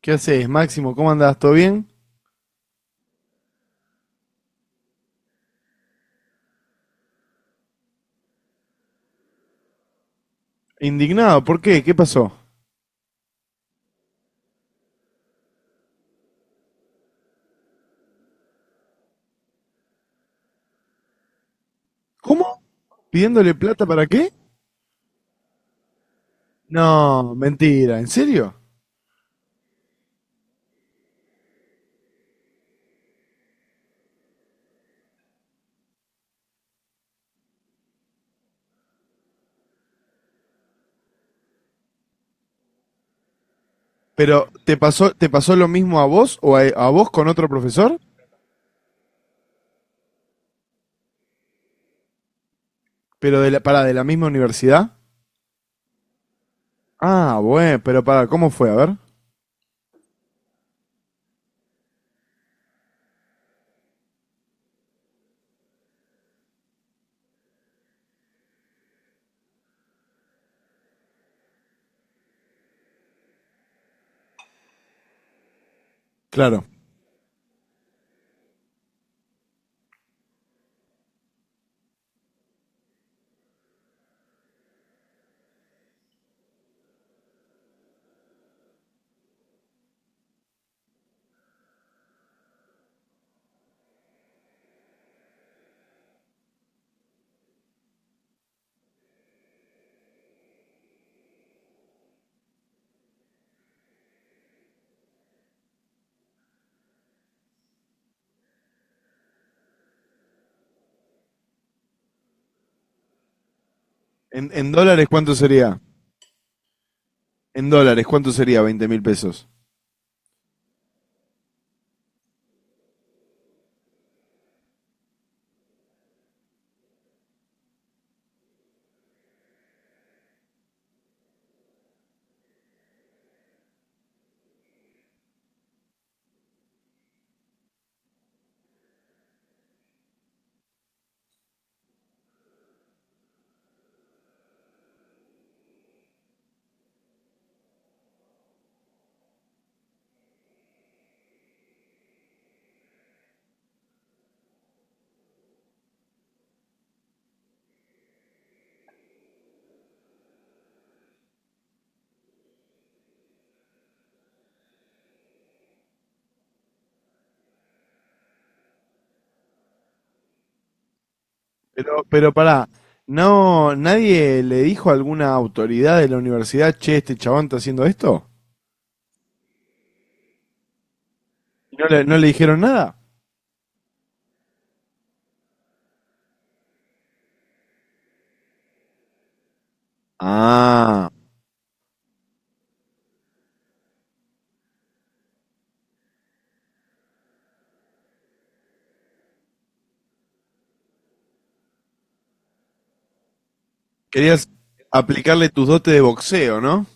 ¿Qué haces, Máximo? ¿Cómo andás? ¿Todo bien? Indignado, ¿por qué? ¿Qué pasó? ¿Cómo? ¿Pidiéndole plata para qué? No, mentira, ¿en serio? Pero te pasó lo mismo a vos o a vos con otro profesor? Pero para de la misma universidad. Ah, bueno, pero para, ¿cómo fue? A ver. Claro. En dólares ¿cuánto sería? En dólares, ¿cuánto sería 20.000 pesos? Pero, pero para, no, nadie le dijo a alguna autoridad de la universidad, che, este chabón está haciendo esto. ¿Y no le dijeron nada? Ah, querías aplicarle tus dotes de boxeo, ¿no?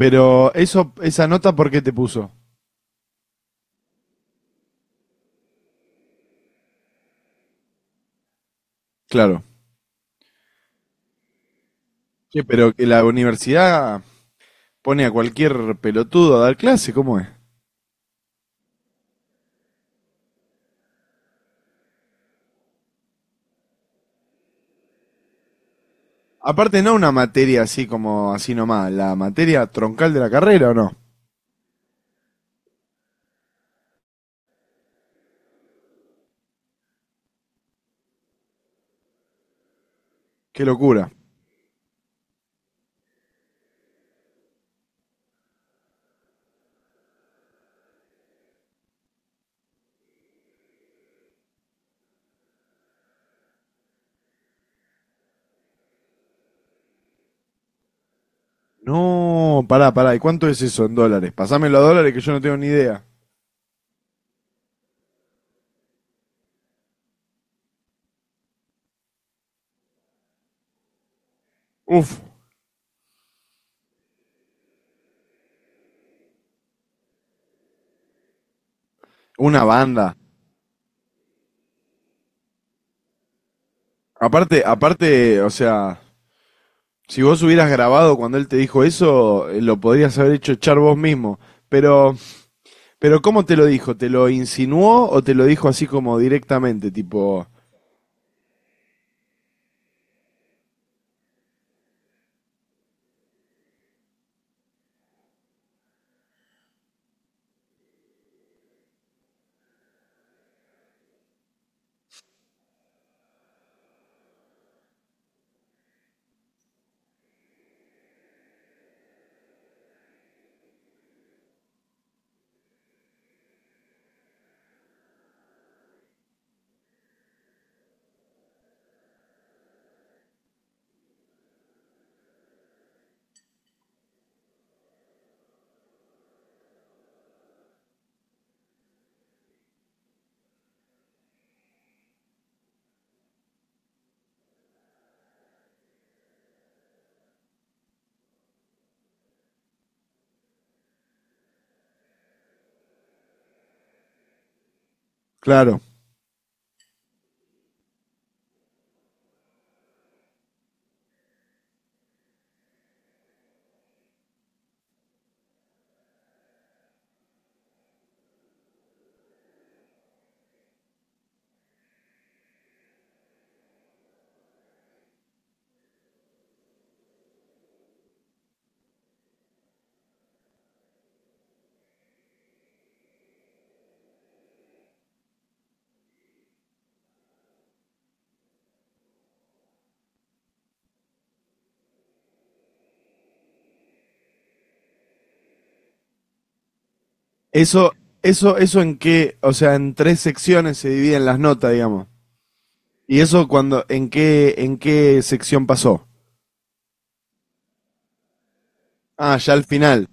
Pero eso, esa nota, ¿por qué te puso? Claro. ¿Qué, pero que la universidad pone a cualquier pelotudo a dar clase? ¿Cómo es? Aparte, no una materia así como así nomás, la materia troncal de la carrera, ¿o no? Qué locura. No, pará, pará, ¿y cuánto es eso en dólares? Pasámelo a dólares que yo no tengo ni idea. Uf, una banda. Aparte, aparte, o sea, si vos hubieras grabado cuando él te dijo eso, lo podrías haber hecho echar vos mismo. Pero, pero ¿cómo te lo dijo? ¿Te lo insinuó o te lo dijo así como directamente? Tipo, claro. Eso, eso en qué, o sea, en tres secciones se dividen las notas, digamos. Y eso cuando, en qué sección pasó? Ah, ya al final.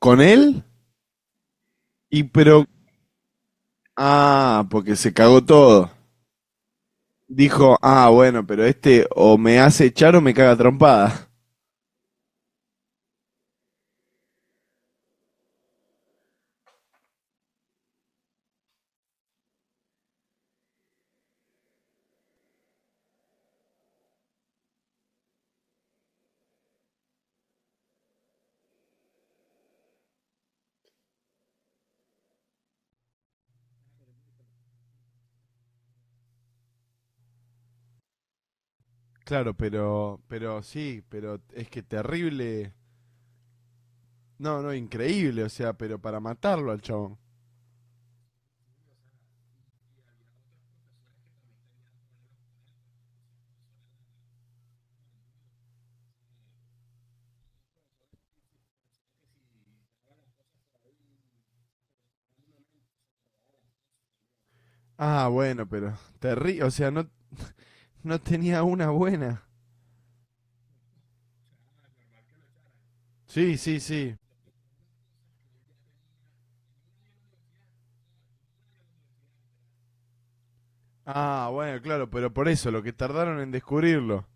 ¿Con él? Y pero, ah, porque se cagó todo. Dijo, ah, bueno, pero este o me hace echar o me caga trompada. Claro, pero sí, pero es que terrible. No, no, increíble, o sea, pero para matarlo al chabón. Ah, bueno, pero terrible, o sea, no, no tenía una buena. Sí, sí, sí. Ah, bueno, claro, pero por eso, lo que tardaron en descubrirlo.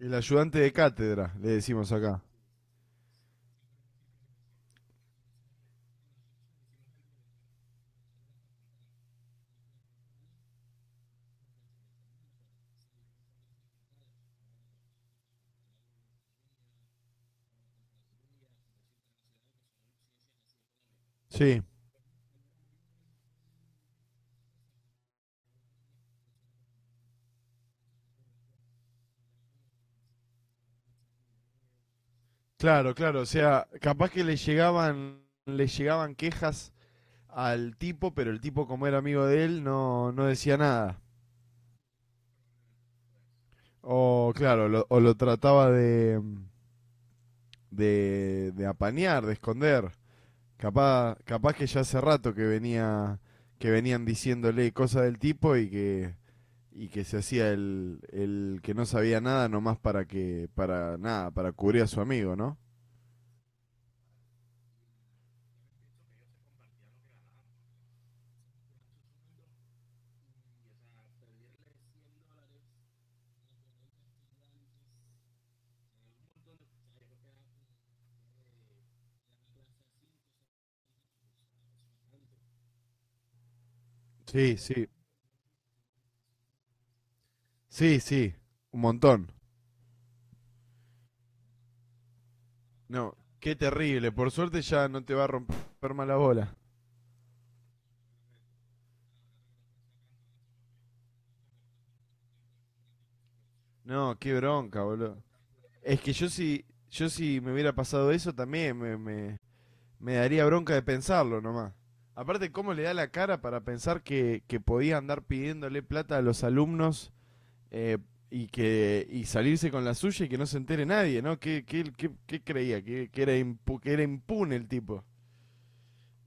El ayudante de cátedra, le decimos acá. Sí, claro, claro, o sea, capaz que le llegaban quejas al tipo, pero el tipo como era amigo de él no, no decía nada. O claro, lo- o lo trataba de, de apañar, de esconder. Capaz, capaz que ya hace rato que venía, que venían diciéndole cosas del tipo y que se hacía el que no sabía nada nomás para que, para nada, para cubrir a su amigo, ¿no? Sí, sí, sí, sí, un montón. No, qué terrible, por suerte ya no te va a romper más la bola. No, qué bronca, boludo. Es que yo si, yo si me hubiera pasado eso también me daría bronca de pensarlo nomás. Aparte, ¿cómo le da la cara para pensar que podía andar pidiéndole plata a los alumnos eh, y que y salirse con la suya y que no se entere nadie, ¿no? ¿Qué, qué, qué- qué creía? Que era impu- que era impune el tipo?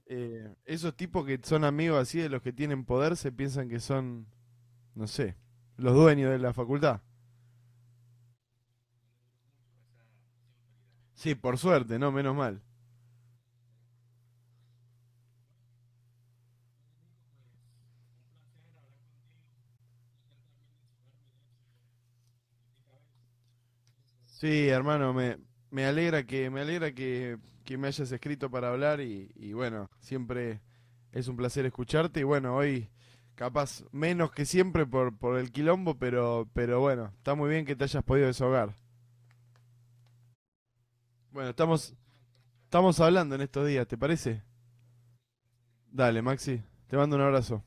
Esos tipos que son amigos así de los que tienen poder se piensan que son, no sé, los dueños de la facultad. Sí, por suerte, ¿no? Menos mal. Sí, hermano, me, me alegra que me hayas escrito para hablar y bueno, siempre es un placer escucharte y bueno, hoy capaz menos que siempre por el quilombo, pero bueno, está muy bien que te hayas podido desahogar. Bueno, estamos, estamos hablando en estos días, ¿te parece? Dale, Maxi, te mando un abrazo.